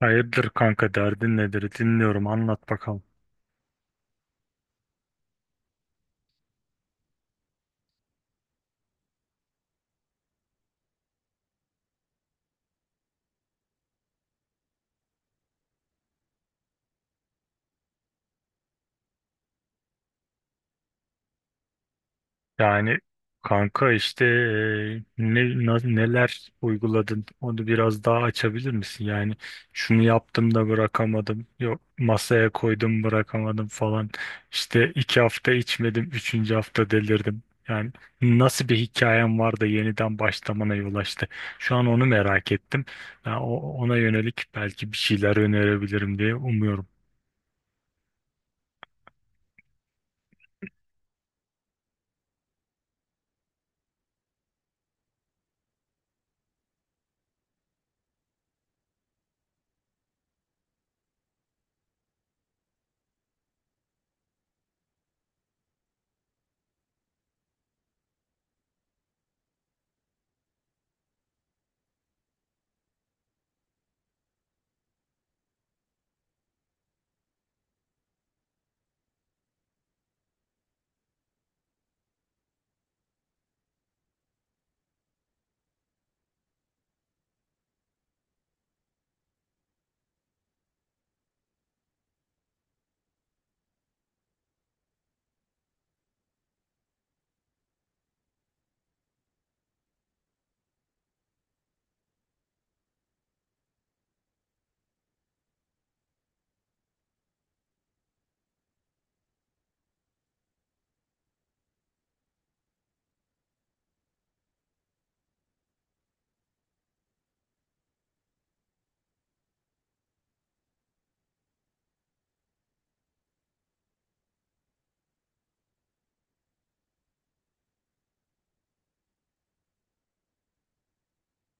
Hayırdır kanka, derdin nedir, dinliyorum, anlat bakalım. Yani kanka işte neler uyguladın, onu biraz daha açabilir misin? Yani şunu yaptım da bırakamadım, yok masaya koydum bırakamadım falan. İşte 2 hafta içmedim, üçüncü hafta delirdim. Yani nasıl bir hikayem var da yeniden başlamana yol açtı? Şu an onu merak ettim. Ben ona yönelik belki bir şeyler önerebilirim diye umuyorum.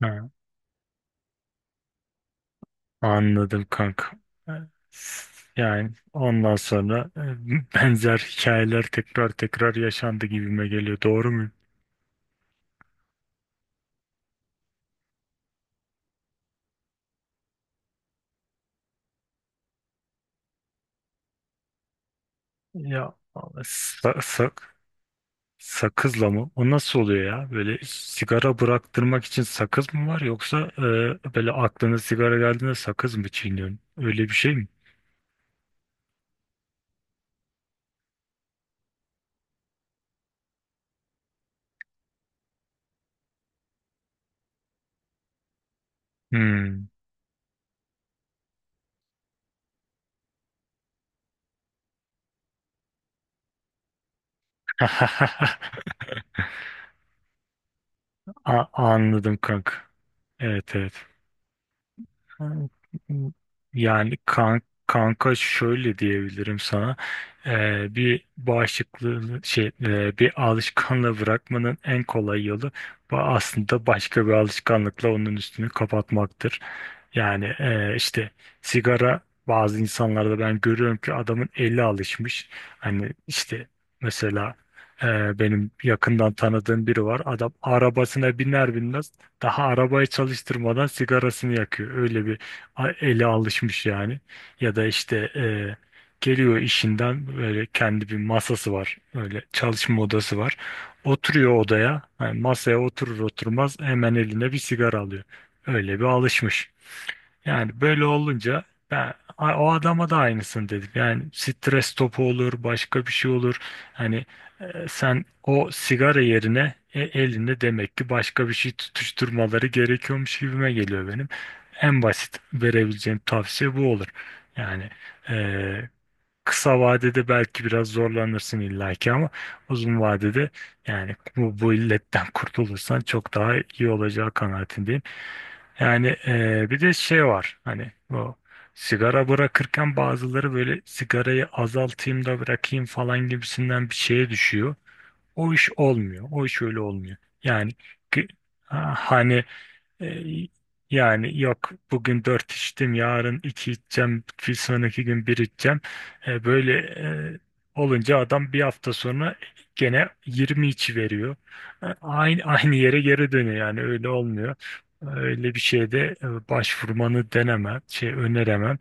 Ha, anladım kanka. Yani ondan sonra benzer hikayeler tekrar tekrar yaşandı gibime geliyor. Doğru mu? Ya, sa- sa- sakızla mı? O nasıl oluyor ya? Böyle sigara bıraktırmak için sakız mı var, yoksa böyle aklına sigara geldiğinde sakız mı çiğniyorsun? Öyle bir şey mi? Hmm. Anladım kanka. Evet, evet. Hmm. Yani kanka şöyle diyebilirim sana. Bir bağışıklığı şey e, Bir alışkanlığı bırakmanın en kolay yolu aslında başka bir alışkanlıkla onun üstünü kapatmaktır. Yani işte sigara, bazı insanlarda ben görüyorum ki adamın eli alışmış. Hani işte mesela benim yakından tanıdığım biri var, adam arabasına biner binmez daha arabayı çalıştırmadan sigarasını yakıyor. Öyle bir ele alışmış yani. Ya da işte geliyor işinden, böyle kendi bir masası var. Öyle çalışma odası var. Oturuyor odaya. Yani masaya oturur oturmaz hemen eline bir sigara alıyor. Öyle bir alışmış. Yani böyle olunca ben o adama da aynısını dedim. Yani stres topu olur, başka bir şey olur. Hani sen o sigara yerine, elinde demek ki başka bir şey tutuşturmaları gerekiyormuş gibime geliyor benim. En basit verebileceğim tavsiye bu olur. Yani e, kısa vadede belki biraz zorlanırsın illaki ama uzun vadede, yani bu illetten kurtulursan çok daha iyi olacağı kanaatindeyim. Yani bir de şey var, hani o sigara bırakırken bazıları böyle sigarayı azaltayım da bırakayım falan gibisinden bir şeye düşüyor. O iş olmuyor. O iş öyle olmuyor. Yani ki- hani e, yani yok, bugün dört içtim, yarın iki içeceğim, bir sonraki gün bir içeceğim. Böyle olunca adam bir hafta sonra gene 20 içi veriyor. Aynı aynı yere geri dönüyor yani, öyle olmuyor. Öyle bir şeyde başvurmanı denemem, şey öneremem.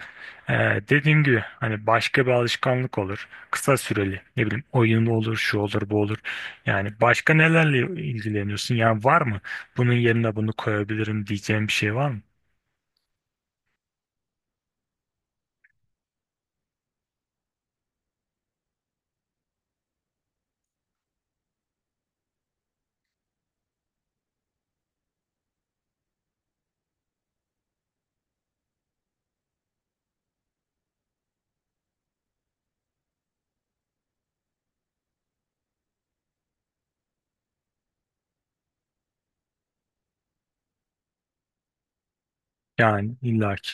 E, Dediğim gibi hani başka bir alışkanlık olur. Kısa süreli ne bileyim, oyun olur, şu olur, bu olur. Yani başka nelerle ilgileniyorsun? Yani var mı? Bunun yerine bunu koyabilirim diyeceğim bir şey var mı? Yani illaki.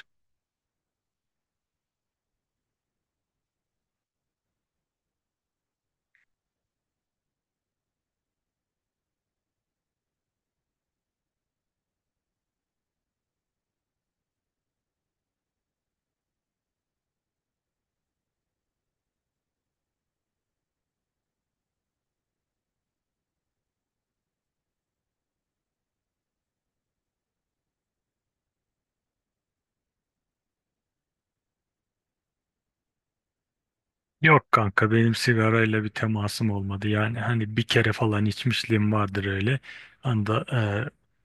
Yok kanka, benim sigarayla bir temasım olmadı. Yani hani bir kere falan içmişliğim vardır öyle. Anda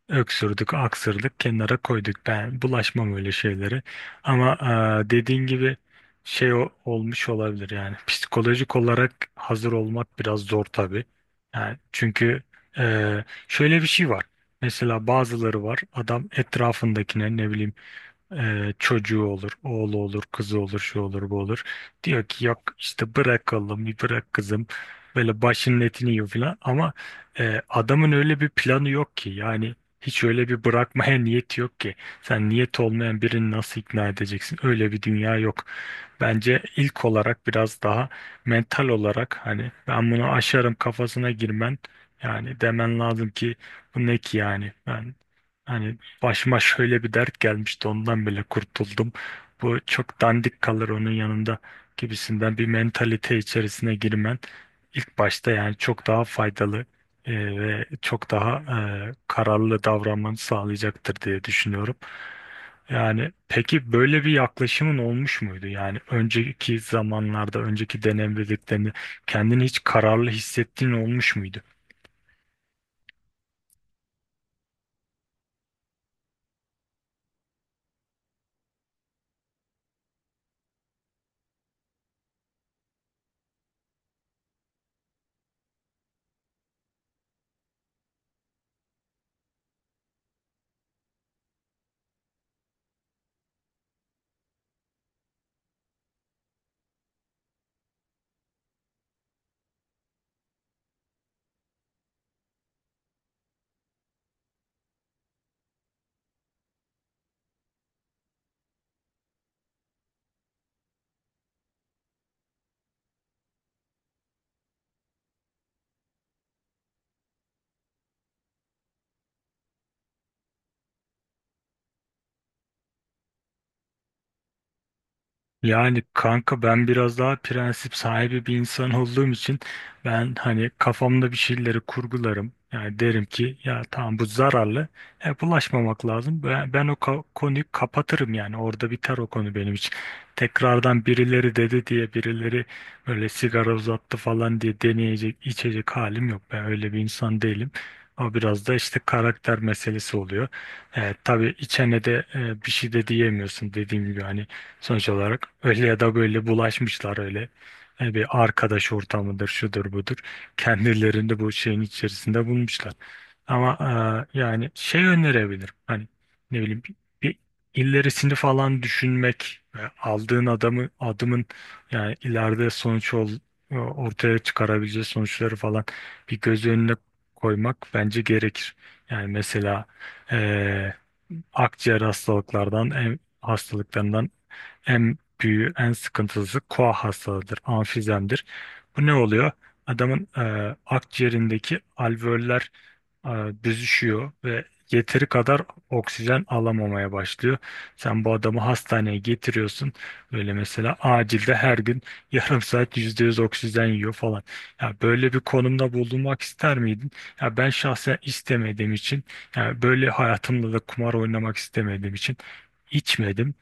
öksürdük, aksırdık, kenara koyduk. Ben bulaşmam öyle şeylere. Ama dediğin gibi olmuş olabilir yani. Psikolojik olarak hazır olmak biraz zor tabii. Yani çünkü e, şöyle bir şey var. Mesela bazıları var. Adam etrafındakine ne bileyim, çocuğu olur, oğlu olur, kızı olur, şu olur, bu olur. Diyor ki yok işte bırak oğlum, bir bırak kızım. Böyle başının etini yiyor falan. Ama adamın öyle bir planı yok ki. Yani hiç öyle bir bırakmaya niyeti yok ki. Sen niyet olmayan birini nasıl ikna edeceksin? Öyle bir dünya yok. Bence ilk olarak biraz daha mental olarak, hani ben bunu aşarım kafasına girmen, yani demen lazım ki bu ne ki, yani ben hani başıma şöyle bir dert gelmişti, ondan bile kurtuldum. Bu çok dandik kalır onun yanında gibisinden bir mentalite içerisine girmen ilk başta yani çok daha faydalı ve çok daha kararlı davranmanı sağlayacaktır diye düşünüyorum. Yani peki böyle bir yaklaşımın olmuş muydu? Yani önceki zamanlarda, önceki deneyimlediklerini, kendini hiç kararlı hissettiğin olmuş muydu? Yani kanka ben biraz daha prensip sahibi bir insan olduğum için ben hani kafamda bir şeyleri kurgularım. Yani derim ki ya tamam bu zararlı. Bulaşmamak lazım. Ben o konuyu kapatırım yani. Orada biter o konu benim için. Tekrardan birileri dedi diye, birileri böyle sigara uzattı falan diye deneyecek, içecek halim yok. Ben öyle bir insan değilim. O biraz da işte karakter meselesi oluyor. Tabii içene de bir şey de diyemiyorsun, dediğim gibi hani sonuç olarak öyle ya da böyle bulaşmışlar öyle. Yani bir arkadaş ortamıdır, şudur budur. Kendilerini bu şeyin içerisinde bulmuşlar. Ama yani şey önerebilirim. Hani ne bileyim, bir ilerisini falan düşünmek ve aldığın adamı adımın, yani ileride ortaya çıkarabileceği sonuçları falan bir göz önüne koymak bence gerekir. Yani mesela e, akciğer hastalıklardan hastalıklarından en büyüğü, en sıkıntılısı koa hastalığıdır, amfizemdir. Bu ne oluyor? Adamın akciğerindeki alveoller e, büzüşüyor ve yeteri kadar oksijen alamamaya başlıyor. Sen bu adamı hastaneye getiriyorsun. Böyle mesela acilde her gün yarım saat %100 oksijen yiyor falan. Ya böyle bir konumda bulunmak ister miydin? Ya ben şahsen istemediğim için, ya böyle hayatımda da kumar oynamak istemediğim için içmedim.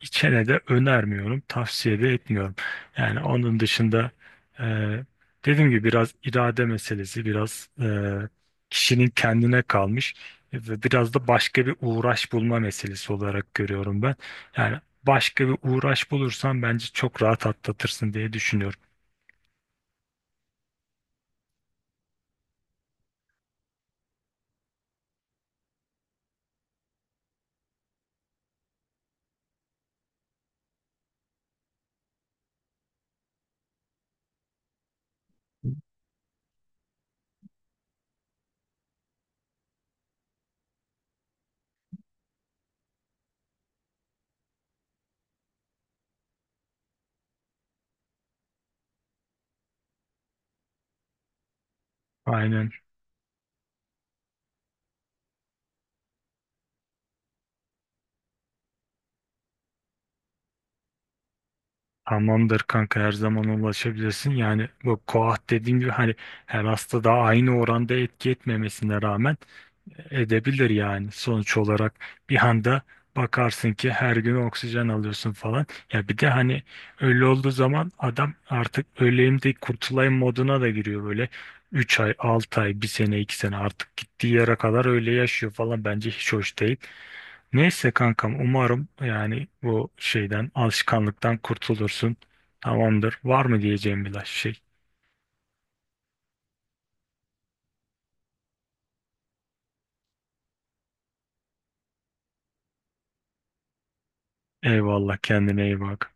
İçene de önermiyorum, tavsiye de etmiyorum. Yani onun dışında e, dediğim gibi biraz irade meselesi, biraz kişinin kendine kalmış ve biraz da başka bir uğraş bulma meselesi olarak görüyorum ben. Yani başka bir uğraş bulursan bence çok rahat atlatırsın diye düşünüyorum. Aynen. Tamamdır kanka, her zaman ulaşabilirsin. Yani bu koah, dediğim gibi hani, her hastada aynı oranda etki etmemesine rağmen edebilir yani. Sonuç olarak bir anda bakarsın ki her gün oksijen alıyorsun falan. Ya bir de hani öyle olduğu zaman adam artık öleyim de kurtulayım moduna da giriyor böyle. 3 ay, 6 ay, bir sene, 2 sene, artık gittiği yere kadar öyle yaşıyor falan, bence hiç hoş değil. Neyse kankam, umarım yani bu şeyden, alışkanlıktan kurtulursun. Tamamdır. Var mı diyeceğim bir şey? Eyvallah, kendine iyi bak.